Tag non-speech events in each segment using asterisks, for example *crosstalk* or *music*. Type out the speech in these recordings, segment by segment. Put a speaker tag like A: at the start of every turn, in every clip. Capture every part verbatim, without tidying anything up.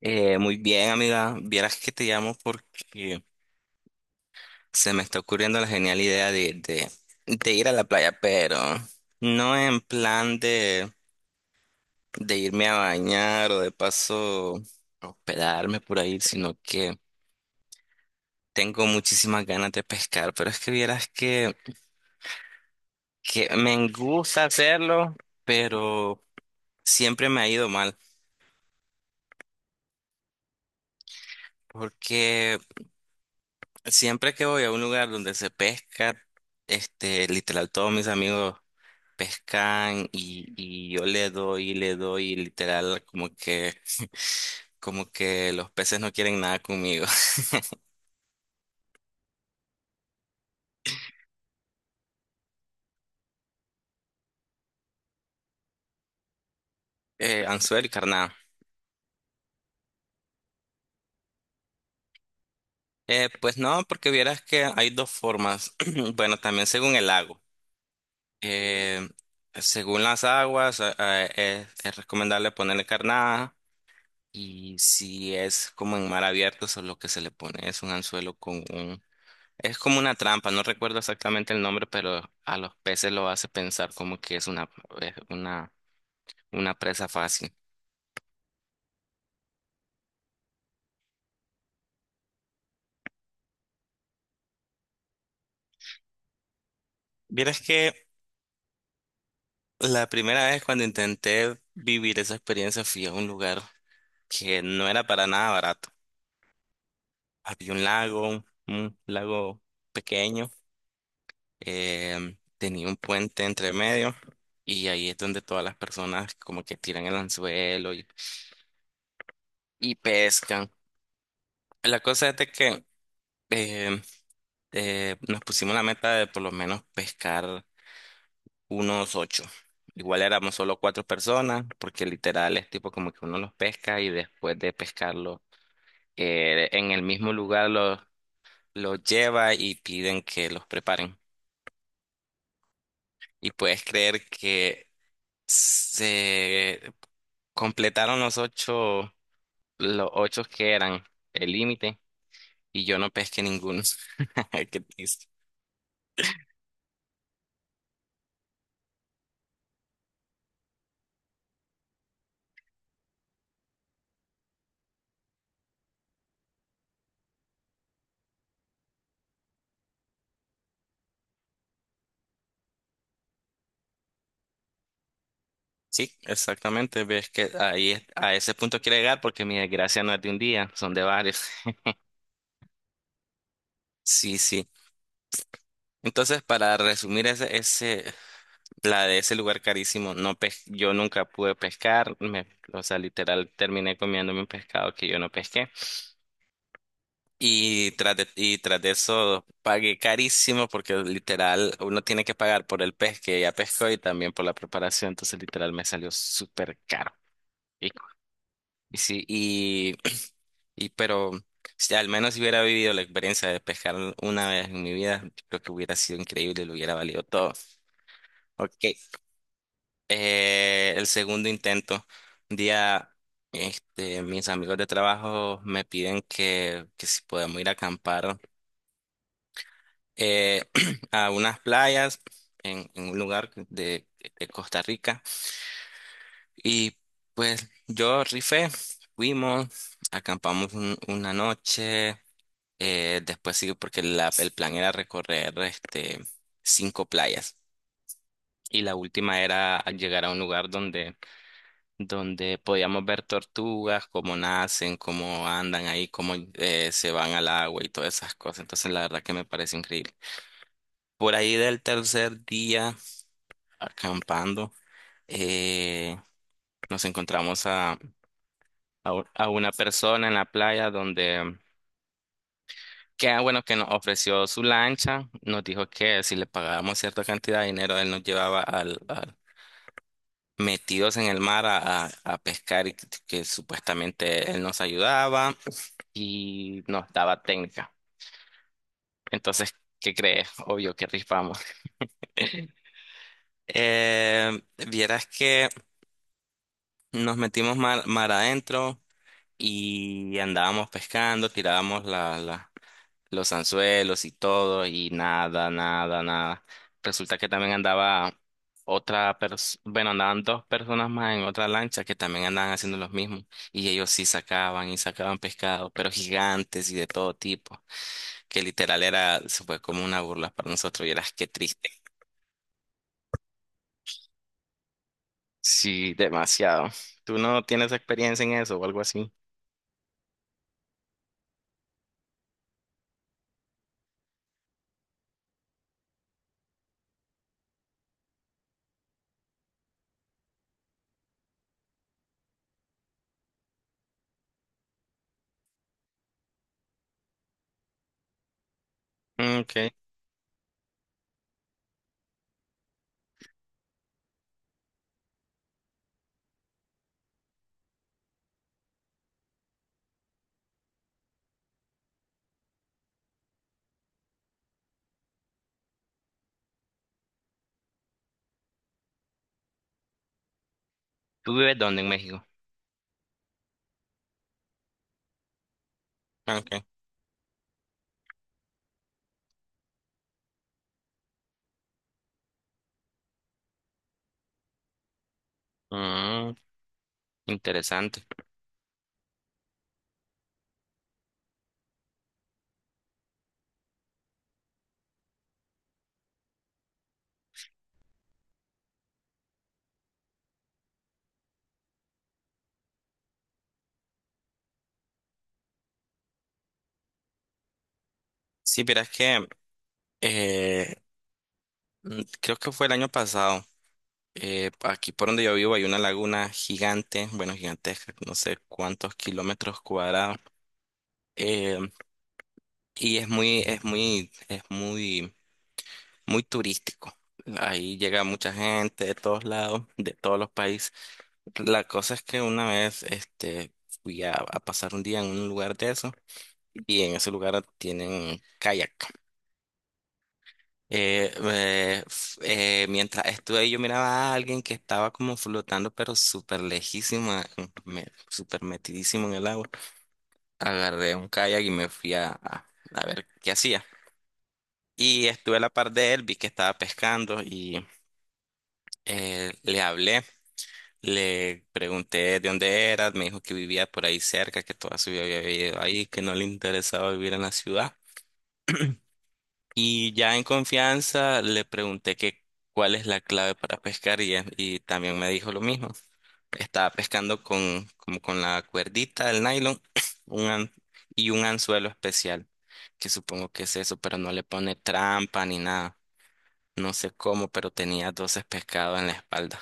A: Eh, muy bien, amiga. Vieras que te llamo porque se me está ocurriendo la genial idea de, de, de ir a la playa, pero no en plan de, de irme a bañar o de paso hospedarme por ahí, sino que tengo muchísimas ganas de pescar. Pero es que vieras que, que me gusta hacerlo, pero siempre me ha ido mal. Porque siempre que voy a un lugar donde se pesca, este, literal, todos mis amigos pescan y, y yo le doy y le doy y literal como que como que los peces no quieren nada conmigo. *laughs* Eh, anzuelo y carnada. Eh, pues no, porque vieras que hay dos formas. *clears throat* Bueno, también según el lago. Eh, Según las aguas, eh, eh, es, es recomendable ponerle carnada. Y si es como en mar abierto, eso es lo que se le pone. Es un anzuelo con un. Es como una trampa, no recuerdo exactamente el nombre, pero a los peces lo hace pensar como que es una, es una, una presa fácil. Vieras que la primera vez cuando intenté vivir esa experiencia fui a un lugar que no era para nada barato. Había un lago, un lago pequeño, em, tenía un puente entre medio y ahí es donde todas las personas como que tiran el anzuelo y, y pescan. La cosa es de que... em, Eh, nos pusimos la meta de por lo menos pescar unos ocho. Igual éramos solo cuatro personas, porque literal es tipo como que uno los pesca y después de pescarlo eh, en el mismo lugar los, los lleva y piden que los preparen. Y puedes creer que se completaron los ocho, los ocho que eran el límite y yo no pesqué ninguno. *laughs* Qué triste. Sí, exactamente. Ves que ahí es- a ese punto quiero llegar porque mi desgracia no es de un día, son de varios. *laughs* Sí, sí. Entonces, para resumir ese, ese, la de ese lugar carísimo, no pes- yo nunca pude pescar, me- o sea, literal terminé comiéndome un pescado que yo no pesqué. Y tras de, y tras de eso pagué carísimo porque literal uno tiene que pagar por el pez que ya pescó y también por la preparación, entonces literal me salió súper caro. Sí, y, *clears throat* y pero si al menos si hubiera vivido la experiencia de pescar una vez en mi vida, yo creo que hubiera sido increíble, y lo hubiera valido todo. Ok, eh, el segundo intento. Un día, este, mis amigos de trabajo me piden que, que si podemos ir a acampar eh, *clears throat* a unas playas en, en un lugar de, de Costa Rica. Y pues yo rifé, fuimos, acampamos un- una noche. Eh, después sí, porque la- el plan era recorrer este, cinco playas. Y la última era llegar a un lugar donde, donde podíamos ver tortugas, cómo nacen, cómo andan ahí, cómo eh, se van al agua y todas esas cosas. Entonces, la verdad que me parece increíble. Por ahí del tercer día, acampando, eh, nos encontramos a, a u- a una persona en la playa donde. Que ah, bueno, que nos ofreció su lancha, nos dijo que si le pagábamos cierta cantidad de dinero, él nos llevaba al, al- metidos en el mar a, a- a pescar y que, que supuestamente él nos ayudaba y nos daba técnica. Entonces, ¿qué crees? Obvio que rifamos. *laughs* Eh, Vieras que nos metimos mar, mar adentro y andábamos pescando, tirábamos la, la- los anzuelos y todo, y nada, nada, nada. Resulta que también andaba otra persona, bueno, andaban dos personas más en otra lancha que también andaban haciendo los mismos, y ellos sí sacaban y sacaban pescado, pero gigantes y de todo tipo, que literal era, se fue como una burla para nosotros, y eras qué triste. Sí, demasiado. ¿Tú no tienes experiencia en eso o algo así? Mm, Okay. ¿Tú vives dónde en México? Ah, okay. Mm, Interesante. Sí, pero es que eh, Mm, creo que fue el año pasado. Eh, aquí por donde yo vivo hay una laguna gigante, bueno, gigantesca, no sé cuántos kilómetros cuadrados. eh, y es muy, es muy, es muy, muy turístico. Ahí llega mucha gente de todos lados, de todos los países. La cosa es que una vez, este, fui a, a pasar un día en un lugar de eso y en ese lugar tienen kayak. Eh, eh, f- eh, mientras estuve ahí, yo miraba a alguien que estaba como flotando, pero súper lejísimo, eh, me- súper metidísimo en el agua. Agarré un kayak y me fui a, a- a ver qué hacía. Y estuve a la par de él, vi que estaba pescando y eh, le hablé, le pregunté de dónde era, me dijo que vivía por ahí cerca, que toda su vida había vivido ahí, que no le interesaba vivir en la ciudad. Y ya en confianza le pregunté que cuál es la clave para pescar y, e- y también me dijo lo mismo. Estaba pescando con, como con la cuerdita del nylon *clears throat* un an- y un anzuelo especial, que supongo que es eso, pero no le pone trampa ni nada. No sé cómo, pero tenía doce pescados en la espalda.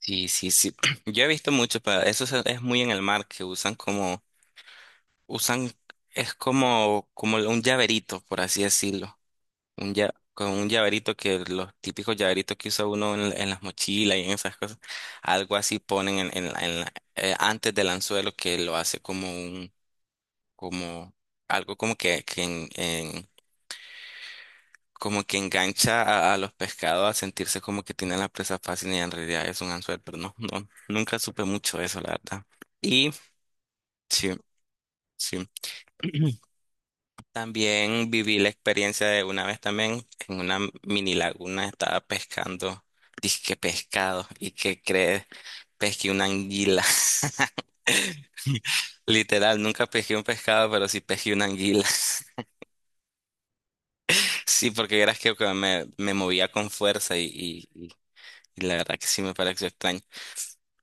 A: Sí, sí, sí. *clears throat* Yo he visto mucho, pero eso es, es muy en el mar, que usan como, usan, es como, como un llaverito, por así decirlo. Un lla- con un llaverito, que los típicos llaveritos que usa uno en, en las mochilas y en esas cosas, algo así ponen en, en la- en la- eh, antes del anzuelo, que lo hace como un, como algo como que, que en- en- como que engancha a, a los pescados a sentirse como que tienen la presa fácil y en realidad es un anzuelo, pero no, no, nunca supe mucho de eso, la verdad. Y sí, sí. *clears throat* También viví la experiencia de una vez también en una mini laguna estaba pescando, dizque pescado, y qué crees, pesqué una anguila. *laughs* Literal, nunca pesqué un pescado, pero sí pesqué una anguila. *laughs* Sí, porque verás que que me, me movía con fuerza y, y- y- y la verdad que sí me pareció extraño.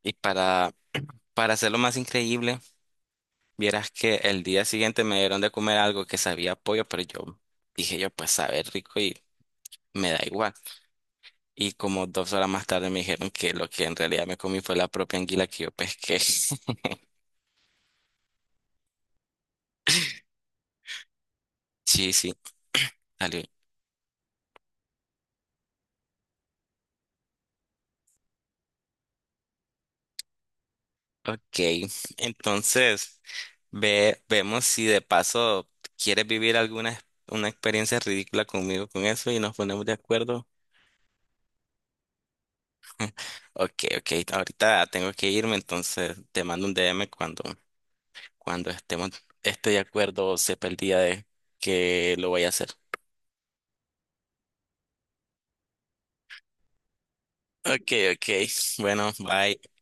A: Y para, para hacerlo más increíble, vieras que el día siguiente me dieron de comer algo que sabía a pollo, pero yo dije yo, pues sabe rico y me da igual. Y como dos horas más tarde me dijeron que lo que en realidad me comí fue la propia anguila que yo pesqué. *laughs* Sí, sí, salió. Ok, entonces ve, vemos si de paso quieres vivir alguna ex- una experiencia ridícula conmigo con eso y nos ponemos de acuerdo. Ok, ok, ahorita tengo que irme, entonces te mando un D M cuando, cuando estemos, esté de acuerdo o sepa el día de que lo voy a hacer. Ok, ok, bueno, bye.